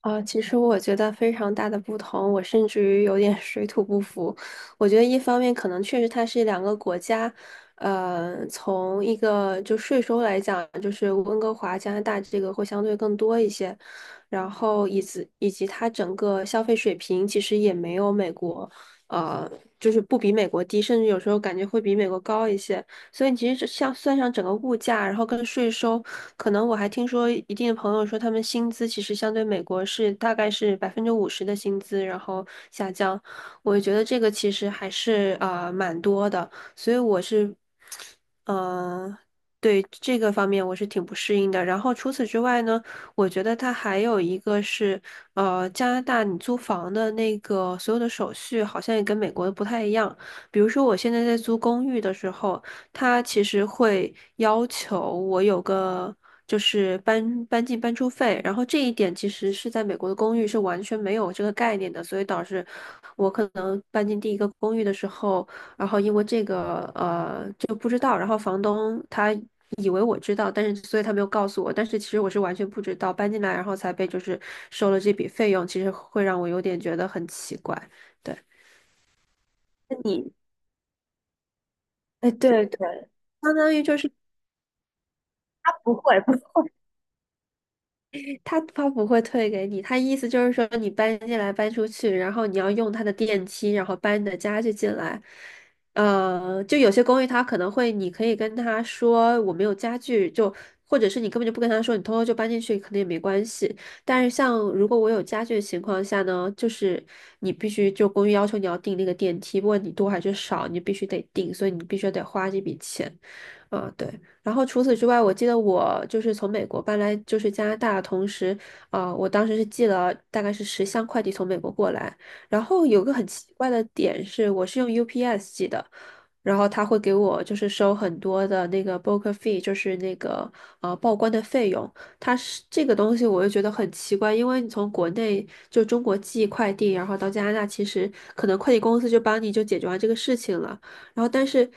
啊，其实我觉得非常大的不同，我甚至于有点 水土不服。我觉得一方面可能确实它是两个国家，从一个就税收来讲，就是温哥华、加拿大这个会相对更多一些，然后以及它整个消费水平其实也没有美国，呃，就是不比美国低，甚至有时候感觉会比美国高一些。所以其实这像算上整个物价，然后跟税收。可能我还听说一定的朋友说，他们薪资其实相对美国是大概是50%的薪资，然后下降。我觉得这个其实还是蛮多的，所以我是，嗯、对这个方面我是挺不适应的。然后除此之外呢，我觉得它还有一个是，加拿大你租房的那个所有的手续好像也跟美国的不太一样。比如说我现在在租公寓的时候。他其实会要求我有个就是搬进搬出费，然后这一点其实是在美国的公寓是完全没有这个概念的，所以导致我可能搬进第一个公寓的时候，然后因为这个就不知道，然后房东他以为我知道，但是所以他没有告诉我，但是其实我是完全不知道，搬进来然后才被就是收了这笔费用，其实会让我有点觉得很奇怪，对，那你，哎，对对，相当于就是。他不会。不。他不会退给你，他意思就是说你搬进来搬出去，然后你要用他的电梯，然后搬你的家具进来。就有些公寓他可能会，你可以跟他说我没有家具，就或者是你根本就不跟他说，你偷偷就搬进去，可能也没关系。但是像如果我有家具的情况下呢，就是你必须就公寓要求你要订那个电梯，不管你多还是少，你必须得订，所以你必须得花这笔钱。啊，对。然后除此之外，我记得我就是从美国搬来就是加拿大，同时，啊，我当时是寄了大概是10箱快递从美国过来。然后有个很奇怪的点是，我是用 UPS 寄的，然后他会给我就是收很多的那个 broker fee,就是那个报关的费用。它是这个东西，我就觉得很奇怪，因为你从国内就中国寄快递，然后到加拿大，其实可能快递公司就帮你就解决完这个事情了。然后但是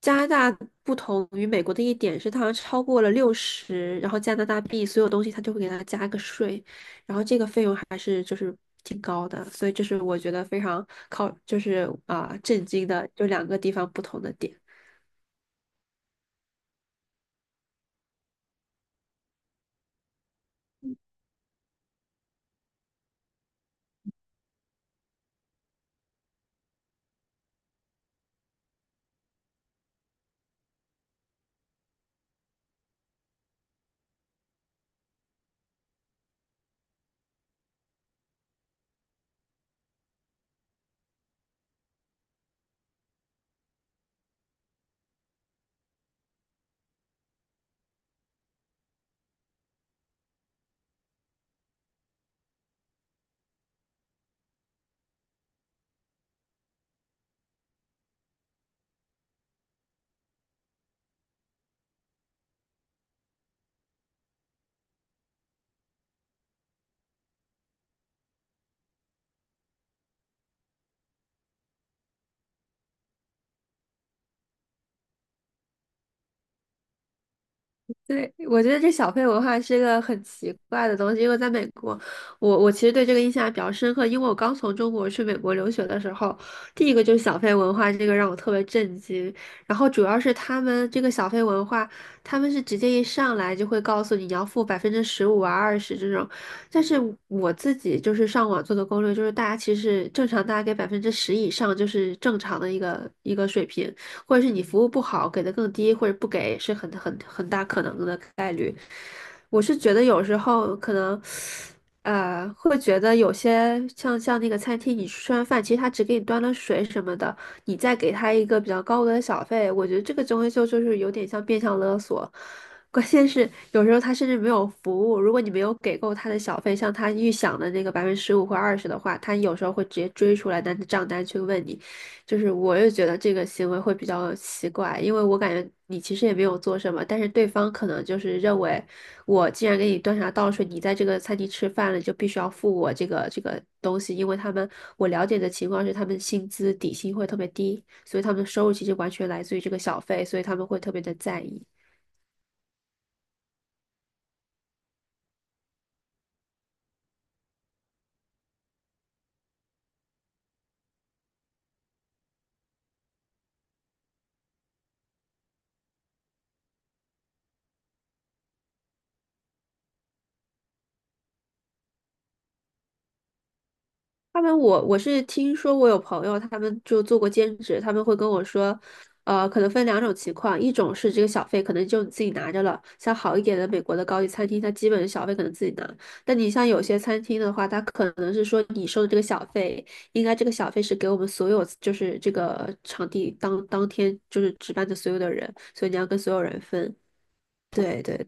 加拿大不同于美国的一点是，它好像超过了60，然后加拿大币所有东西它就会给它加个税，然后这个费用还是就是挺高的，所以这是我觉得非常靠就是震惊的，就两个地方不同的点。对，我觉得这小费文化是一个很奇怪的东西，因为在美国，我其实对这个印象还比较深刻，因为我刚从中国去美国留学的时候，第一个就是小费文化，这个让我特别震惊。然后主要是他们这个小费文化，他们是直接一上来就会告诉你你要付百分之十五啊、二十这种，但是我自己就是上网做的攻略，就是大家其实正常大家给百分之十以上就是正常的一个水平。或者是你服务不好，给的更低，或者不给，是很大可能的概率。我是觉得有时候可能，会觉得有些像那个餐厅，你吃完饭，其实他只给你端了水什么的，你再给他一个比较高额的小费，我觉得这个东西就是有点像变相勒索。关键是有时候他甚至没有服务，如果你没有给够他的小费，像他预想的那个百分之十五或二十的话，他有时候会直接追出来拿着账单去问你，就是我也觉得这个行为会比较奇怪，因为我感觉你其实也没有做什么，但是对方可能就是认为我既然给你端茶倒水，你在这个餐厅吃饭了，就必须要付我这个东西，因为他们我了解的情况是他们薪资底薪会特别低，所以他们的收入其实完全来自于这个小费，所以他们会特别的在意。他们我是听说我有朋友，他们就做过兼职，他们会跟我说，可能分两种情况，一种是这个小费可能就你自己拿着了，像好一点的美国的高级餐厅，它基本小费可能自己拿，但你像有些餐厅的话，它可能是说你收的这个小费，应该这个小费是给我们所有就是这个场地当天就是值班的所有的人，所以你要跟所有人分。对对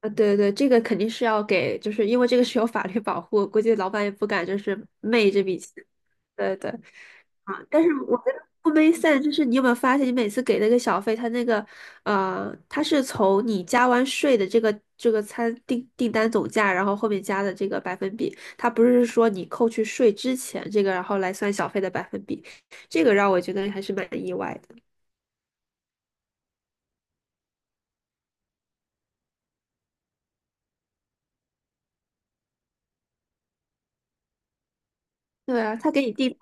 啊，对对，这个肯定是要给，就是因为这个是有法律保护，估计老板也不敢就是昧这笔钱。对对啊，但是我觉得不 m a 就是你有没有发现，你每次给那个小费，他那个他是从你加完税的这个订单总价，然后后面加的这个百分比，他不是说你扣去税之前这个，然后来算小费的百分比，这个让我觉得还是蛮意外的。对啊，他给你订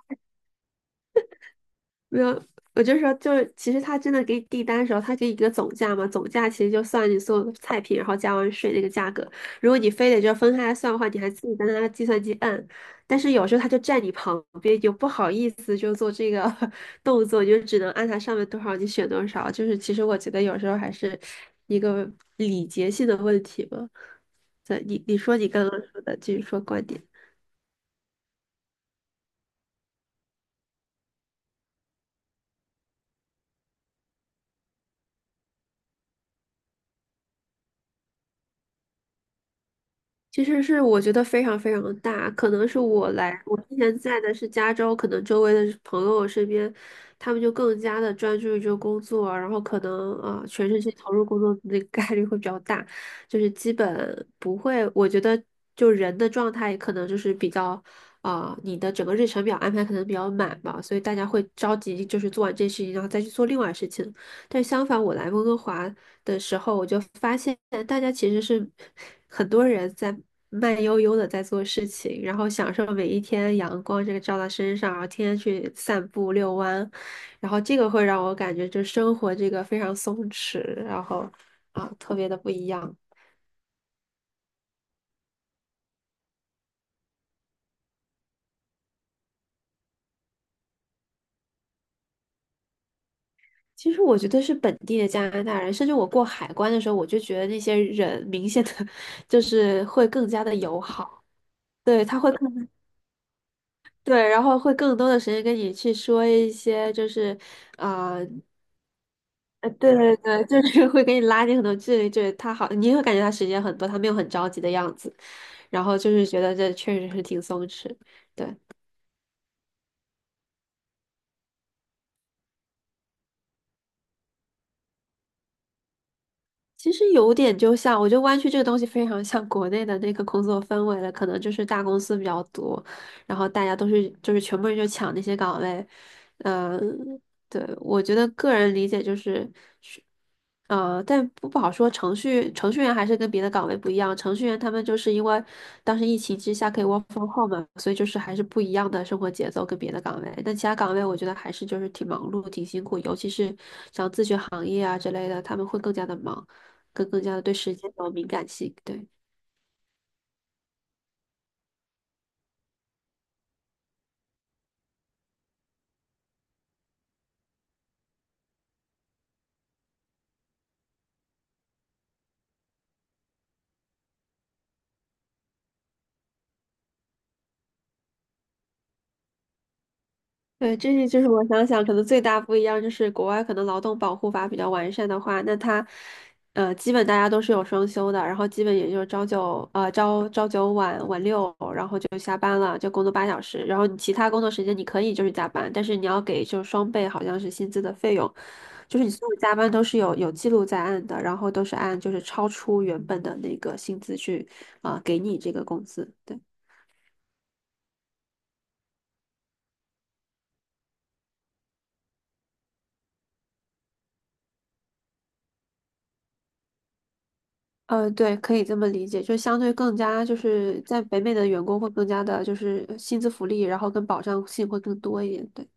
没有，我就说，就是其实他真的给你订单的时候，他给你一个总价嘛，总价其实就算你所有的菜品，然后加完税那个价格。如果你非得就分开来算的话，你还自己在那计算机按。但是有时候他就站你旁边，就不好意思就做这个 动作，你就只能按他上面多少你选多少。就是其实我觉得有时候还是一个礼节性的问题吧。对，你你说你刚刚说的，继续说观点。其实是我觉得非常非常的大，可能是我来，我之前在的是加州，可能周围的朋友身边，他们就更加的专注于这个工作，然后可能全身心投入工作的那个概率会比较大，就是基本不会，我觉得就人的状态可能就是比较你的整个日程表安排可能比较满吧，所以大家会着急就是做完这事情，然后再去做另外事情。但相反，我来温哥华的时候，我就发现大家其实是很多人在慢悠悠的在做事情，然后享受每一天阳光这个照到身上，然后天天去散步遛弯，然后这个会让我感觉就生活这个非常松弛，然后特别的不一样。其实我觉得是本地的加拿大人，甚至我过海关的时候，我就觉得那些人明显的 就是会更加的友好，对，他会更，对，然后会更多的时间跟你去说一些就是。啊。对对对，就是会给你拉近很多距离，就是他好，你会感觉他时间很多，他没有很着急的样子，然后就是觉得这确实是挺松弛，对。其实有点就像，我觉得湾区这个东西非常像国内的那个工作氛围了，可能就是大公司比较多，然后大家都是就是全部人就抢那些岗位，嗯、对，我觉得个人理解就是，是但不好说，程序员还是跟别的岗位不一样，程序员他们就是因为当时疫情之下可以 work from home 嘛，所以就是还是不一样的生活节奏跟别的岗位，但其他岗位我觉得还是就是挺忙碌、挺辛苦，尤其是像咨询行业啊之类的，他们会更加的忙。更加的对时间有敏感性。对，对，这是就是我想想，可能最大不一样就是国外可能劳动保护法比较完善的话，那它基本大家都是有双休的，然后基本也就是朝九晚六，然后就下班了，就工作8小时，然后你其他工作时间你可以就是加班，但是你要给就是双倍好像是薪资的费用，就是你所有加班都是有记录在案的，然后都是按就是超出原本的那个薪资去给你这个工资。对。对，可以这么理解，就相对更加就是在北美的员工会更加的，就是薪资福利，然后跟保障性会更多一点，对。